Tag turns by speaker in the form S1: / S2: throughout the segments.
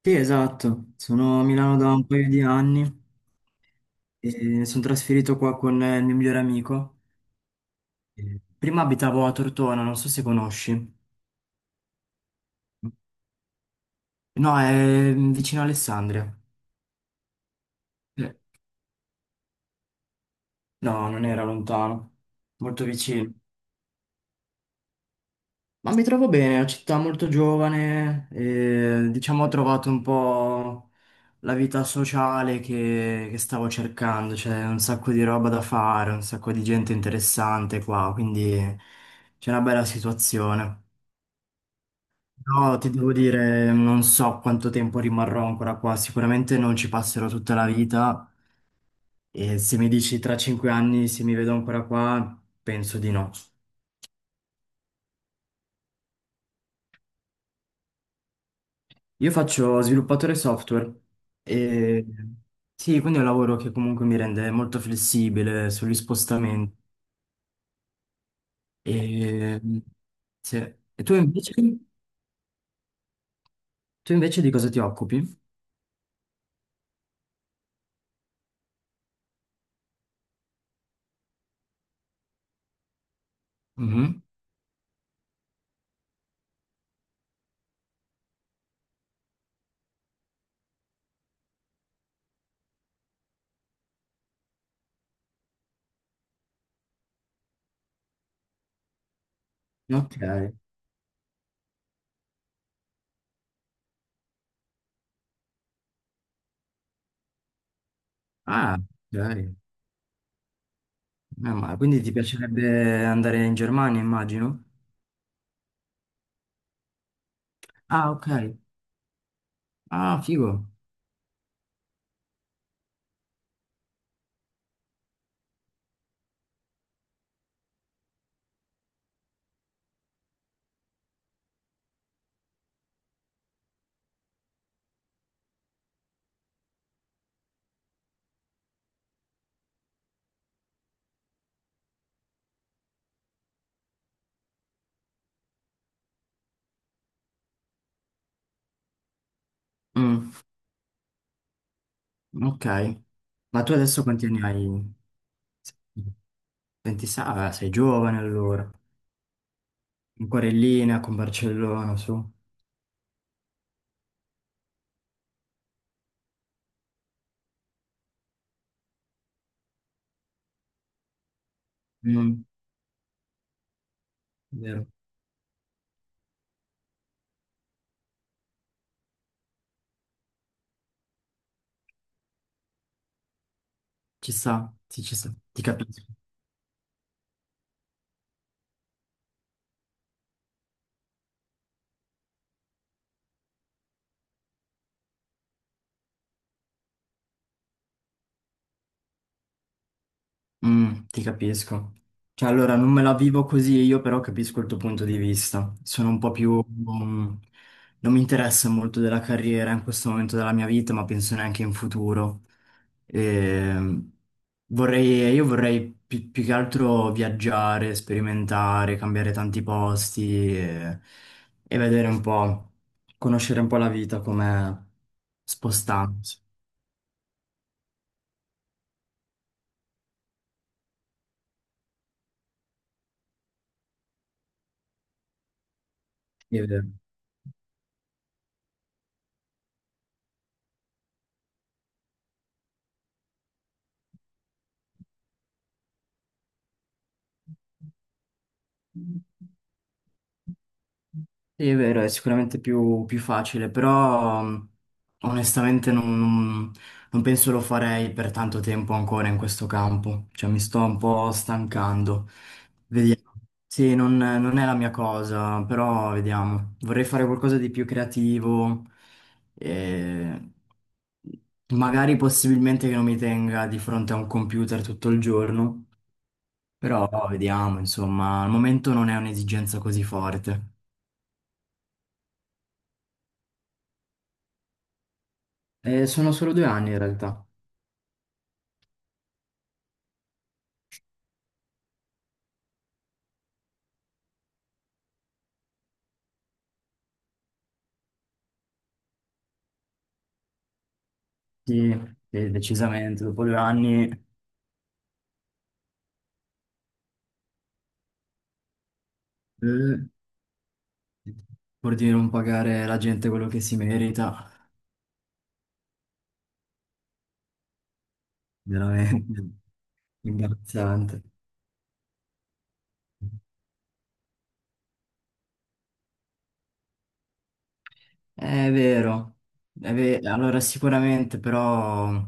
S1: Sì, esatto, sono a Milano da un paio di anni e mi sono trasferito qua con il mio migliore amico. Prima abitavo a Tortona, non so se conosci. No, è vicino a Alessandria. Eh, No, non era lontano, molto vicino. Ma mi trovo bene, è una città molto giovane, e, diciamo ho trovato un po' la vita sociale che stavo cercando, c'è un sacco di roba da fare, un sacco di gente interessante qua, quindi c'è una bella situazione. Però ti devo dire, non so quanto tempo rimarrò ancora qua, sicuramente non ci passerò tutta la vita e se mi dici tra cinque anni se mi vedo ancora qua, penso di no. Io faccio sviluppatore software e sì, quindi è un lavoro che comunque mi rende molto flessibile sugli spostamenti. E, sì. E tu invece di cosa ti occupi? Mhm. Ok. Ah, ok. Meno male. Quindi ti piacerebbe andare in Germania, immagino? Ah, ok. Ah, figo. Mm, ok. Ma tu adesso quanti anni hai? 26? Ah, beh, sei giovane allora. Ancora in linea con Barcellona, su. Mm, vero. Ci sta, sì, ci sta. Ti capisco. Mm, ti capisco. Cioè, allora, non me la vivo così io, però capisco il tuo punto di vista. Sono un po' più, non mi interessa molto della carriera in questo momento della mia vita, ma penso neanche in futuro. Ehm, vorrei, io vorrei più, che altro viaggiare, sperimentare, cambiare tanti posti e vedere un po', conoscere un po' la vita come spostandosi. Sì, è vero, è sicuramente più facile, però onestamente non penso lo farei per tanto tempo ancora in questo campo, cioè mi sto un po' stancando. Vediamo. Sì, non è la mia cosa, però vediamo. Vorrei fare qualcosa di più creativo, e magari possibilmente che non mi tenga di fronte a un computer tutto il giorno, però vediamo, insomma, al momento non è un'esigenza così forte. Sono solo due anni in realtà, sì, sì, decisamente, dopo due anni eh, pur di non pagare alla gente quello che si merita, veramente imbarazzante. È vero, allora sicuramente però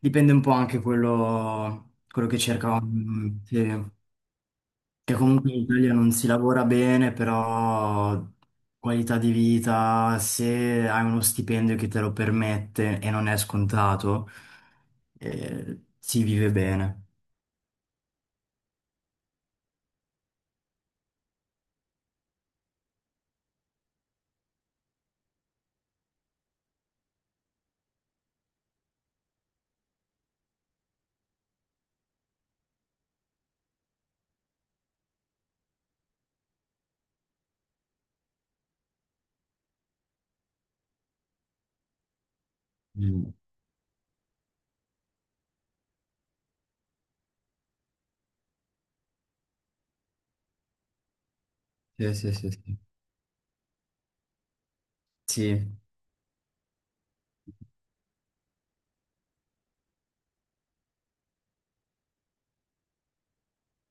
S1: dipende un po' anche quello che cerca. Mm, sì. Che comunque in Italia non si lavora bene, però qualità di vita, se hai uno stipendio che te lo permette e non è scontato, si vive bene. Mm. Sì, sì, sì, sì. Sì,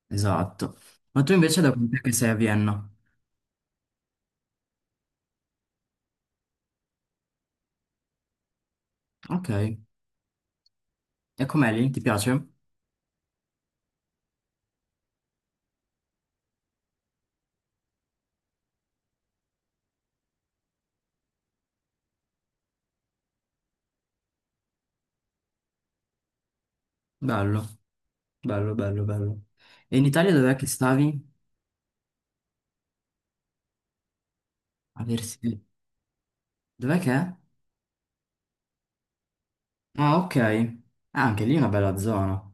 S1: esatto. Ma tu invece da quant'è che sei a Vienna? Ok. E com'è lì? Ti piace? Bello, bello, bello, bello. E in Italia dov'è che stavi? A Versailles. Dov'è che è? Ah, ok. Ah, anche lì è una bella zona.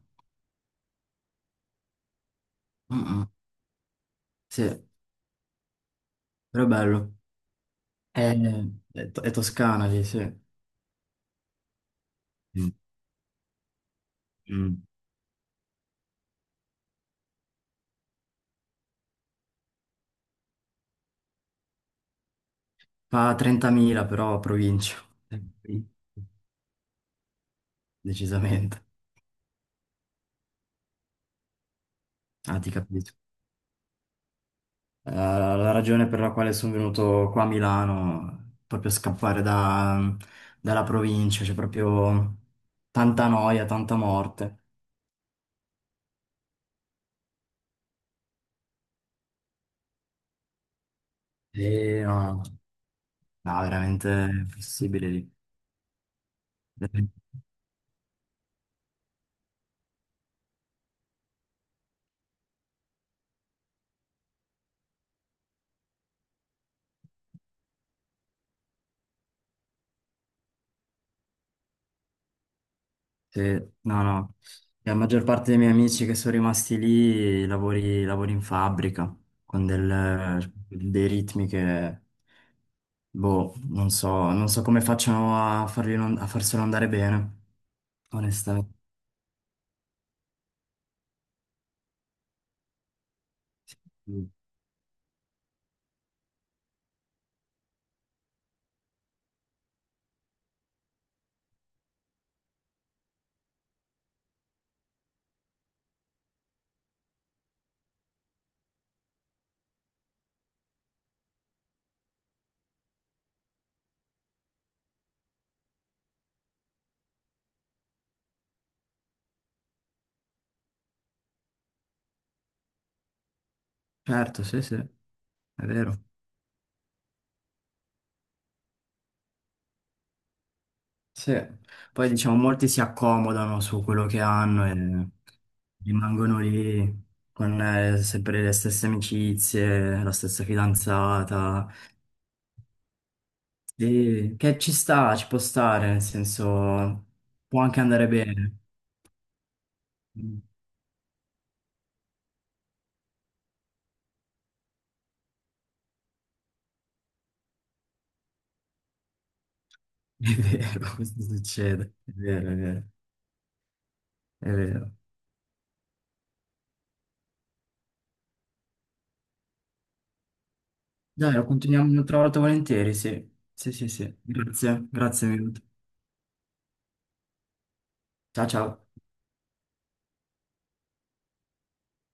S1: Mm, mm. Sì, però è bello. È Toscana lì, sì. Mm, mm. Fa 30.000 però provincia. Sì, decisamente. Ah, ti capisco. La ragione per la quale sono venuto qua a Milano, proprio scappare dalla provincia, c'è proprio tanta noia, tanta morte. E no, no, veramente è impossibile lì. Sì, no, no. La maggior parte dei miei amici che sono rimasti lì lavori, lavori in fabbrica con dei ritmi che, boh, non so, non so come facciano a farli non- a farselo andare bene, onestamente. Certo, sì, sì, è vero. Sì. Poi diciamo, molti si accomodano su quello che hanno e rimangono lì con sempre le stesse amicizie, la stessa fidanzata. Sì, che ci sta, ci può stare, nel senso può anche andare bene. Mm. È vero, questo succede. È vero, è vero, è vero. Dai, lo continuiamo un'altra volta volentieri, sì. Sì, sì, sì. Grazie, grazie mille. Ciao, ciao.